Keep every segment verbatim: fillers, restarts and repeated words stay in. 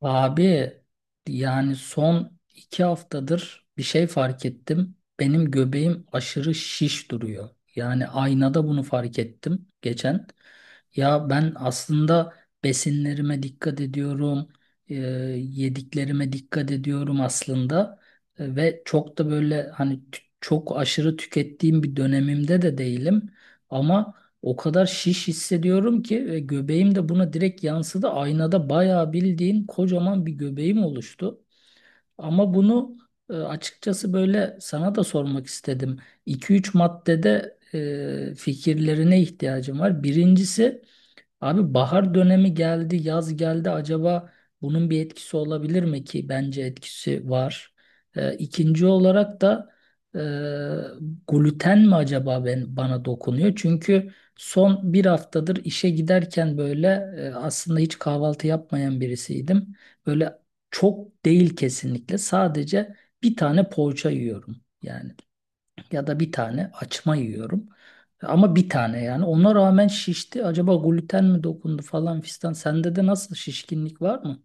Abi yani son iki haftadır bir şey fark ettim. Benim göbeğim aşırı şiş duruyor. Yani aynada bunu fark ettim geçen. Ya ben aslında besinlerime dikkat ediyorum, e, yediklerime dikkat ediyorum aslında. E, ve çok da böyle hani t- çok aşırı tükettiğim bir dönemimde de değilim. Ama o kadar şiş hissediyorum ki ve göbeğim de buna direkt yansıdı. Aynada bayağı bildiğin kocaman bir göbeğim oluştu. Ama bunu e, açıkçası böyle sana da sormak istedim. iki üç maddede e, fikirlerine ihtiyacım var. Birincisi Abi, bahar dönemi geldi, yaz geldi. Acaba bunun bir etkisi olabilir mi ki? Bence etkisi var. Ee, ikinci olarak da e, gluten mi acaba ben, bana dokunuyor? Çünkü son bir haftadır işe giderken böyle e, aslında hiç kahvaltı yapmayan birisiydim. Böyle çok değil kesinlikle. Sadece bir tane poğaça yiyorum yani ya da bir tane açma yiyorum. Ama bir tane yani. Ona rağmen şişti. Acaba gluten mi dokundu falan fistan. Sende de nasıl şişkinlik var mı?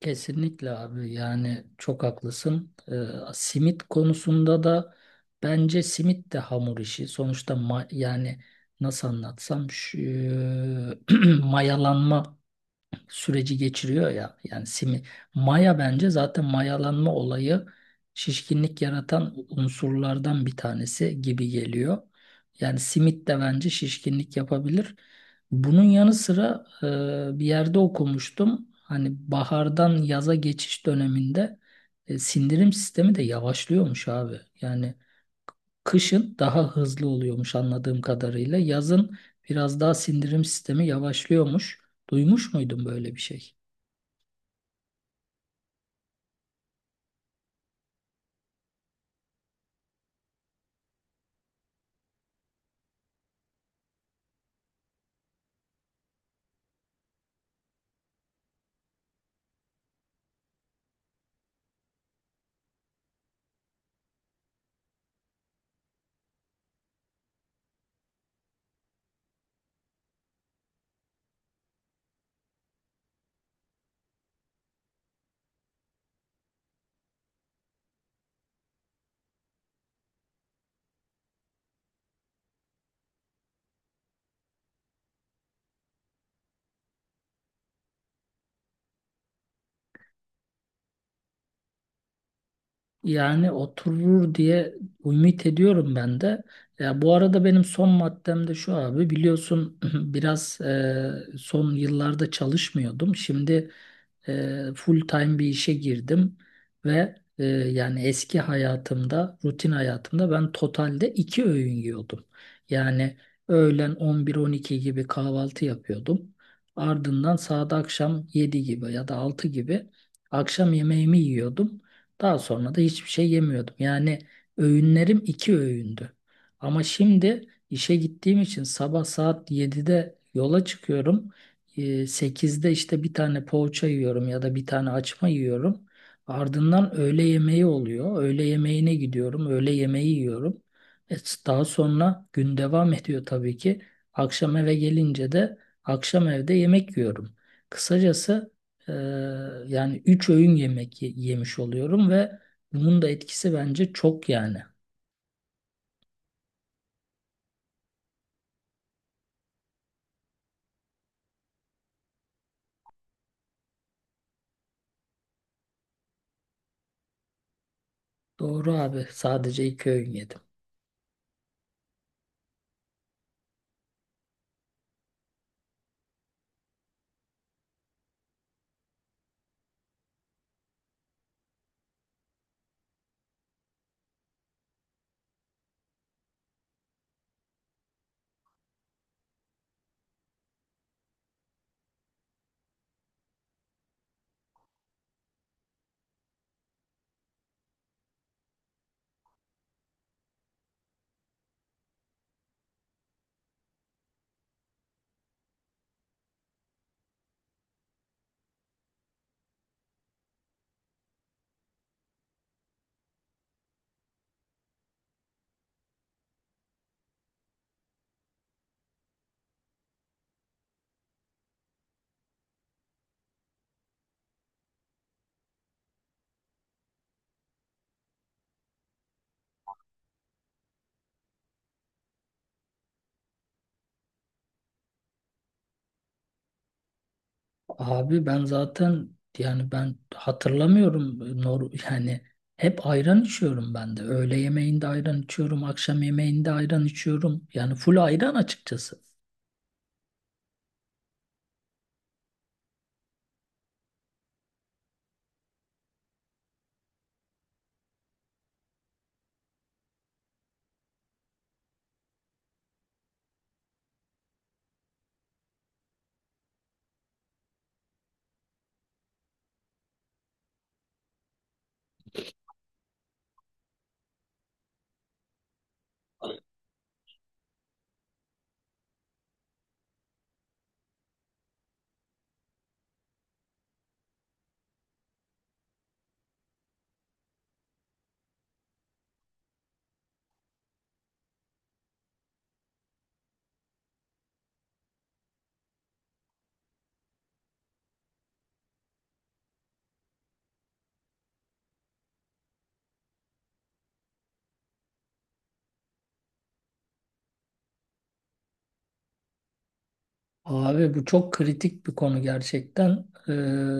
Kesinlikle abi yani çok haklısın. Ee, simit konusunda da bence simit de hamur işi. Sonuçta ma- yani nasıl anlatsam şu, mayalanma süreci geçiriyor ya. Yani simi, maya bence zaten mayalanma olayı şişkinlik yaratan unsurlardan bir tanesi gibi geliyor. Yani simit de bence şişkinlik yapabilir. Bunun yanı sıra e, bir yerde okumuştum. Hani bahardan yaza geçiş döneminde e, sindirim sistemi de yavaşlıyormuş abi. Yani kışın daha hızlı oluyormuş anladığım kadarıyla. Yazın biraz daha sindirim sistemi yavaşlıyormuş. Duymuş muydun böyle bir şey? Yani oturur diye ümit ediyorum ben de. Ya bu arada benim son maddem de şu abi, biliyorsun biraz e, son yıllarda çalışmıyordum. Şimdi e, full time bir işe girdim ve e, yani eski hayatımda, rutin hayatımda ben totalde iki öğün yiyordum. Yani öğlen on bir on iki gibi kahvaltı yapıyordum. Ardından saat akşam yedi gibi ya da altı gibi akşam yemeğimi yiyordum. Daha sonra da hiçbir şey yemiyordum. Yani öğünlerim iki öğündü. Ama şimdi işe gittiğim için sabah saat yedide yola çıkıyorum. Ee, sekizde işte bir tane poğaça yiyorum ya da bir tane açma yiyorum. Ardından öğle yemeği oluyor. Öğle yemeğine gidiyorum. Öğle yemeği yiyorum. E, daha sonra gün devam ediyor tabii ki. Akşam eve gelince de akşam evde yemek yiyorum. Kısacası ee, yani üç öğün yemek ye- yemiş oluyorum ve bunun da etkisi bence çok yani. Doğru abi, sadece iki öğün yedim. Abi ben zaten yani ben hatırlamıyorum, nor yani hep ayran içiyorum ben de. Öğle yemeğinde ayran içiyorum, akşam yemeğinde ayran içiyorum. Yani full ayran açıkçası. Abi bu çok kritik bir konu gerçekten. Ee,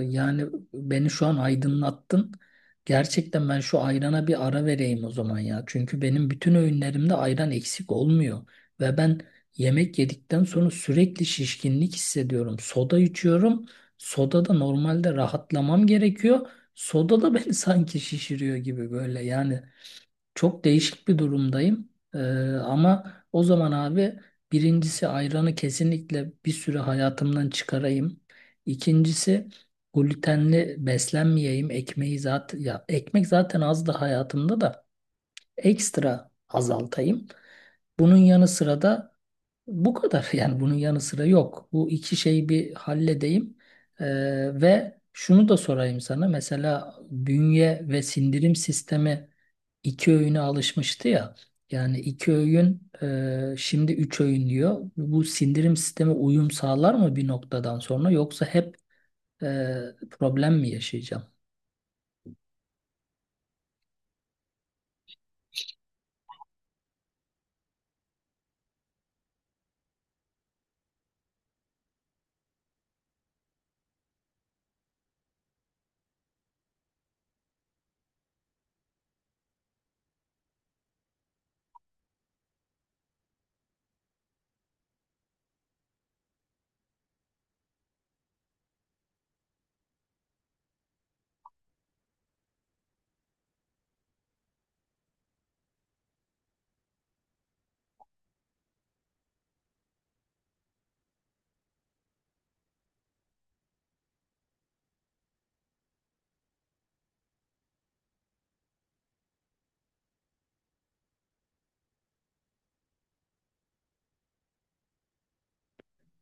yani beni şu an aydınlattın. Gerçekten ben şu ayrana bir ara vereyim o zaman ya. Çünkü benim bütün öğünlerimde ayran eksik olmuyor. Ve ben yemek yedikten sonra sürekli şişkinlik hissediyorum. Soda içiyorum. Soda da normalde rahatlamam gerekiyor. Soda da beni sanki şişiriyor gibi böyle yani. Çok değişik bir durumdayım. Ee, ama o zaman abi, birincisi ayranı kesinlikle bir süre hayatımdan çıkarayım. İkincisi glutenli beslenmeyeyim. Ekmeği zaten, ya ekmek zaten az da hayatımda, da ekstra azaltayım. Bunun yanı sıra da bu kadar yani bunun yanı sıra yok. Bu iki şeyi bir halledeyim. Ee, ve şunu da sorayım sana. Mesela bünye ve sindirim sistemi iki öğüne alışmıştı ya. Yani iki öğün, e, şimdi üç öğün diyor. Bu sindirim sistemi uyum sağlar mı bir noktadan sonra, yoksa hep e, problem mi yaşayacağım?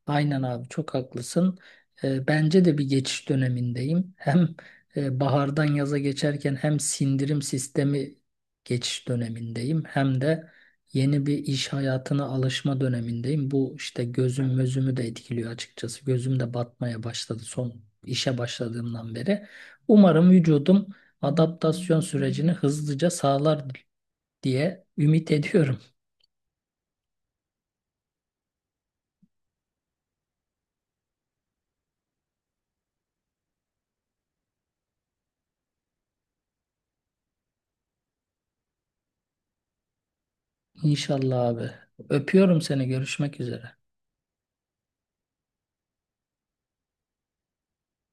Aynen abi, çok haklısın. Ee, bence de bir geçiş dönemindeyim. Hem e, bahardan yaza geçerken hem sindirim sistemi geçiş dönemindeyim. Hem de yeni bir iş hayatına alışma dönemindeyim. Bu işte gözüm, gözümü de etkiliyor açıkçası. Gözüm de batmaya başladı son işe başladığımdan beri. Umarım vücudum adaptasyon sürecini hızlıca sağlar diye ümit ediyorum. İnşallah abi. Öpüyorum seni. Görüşmek üzere.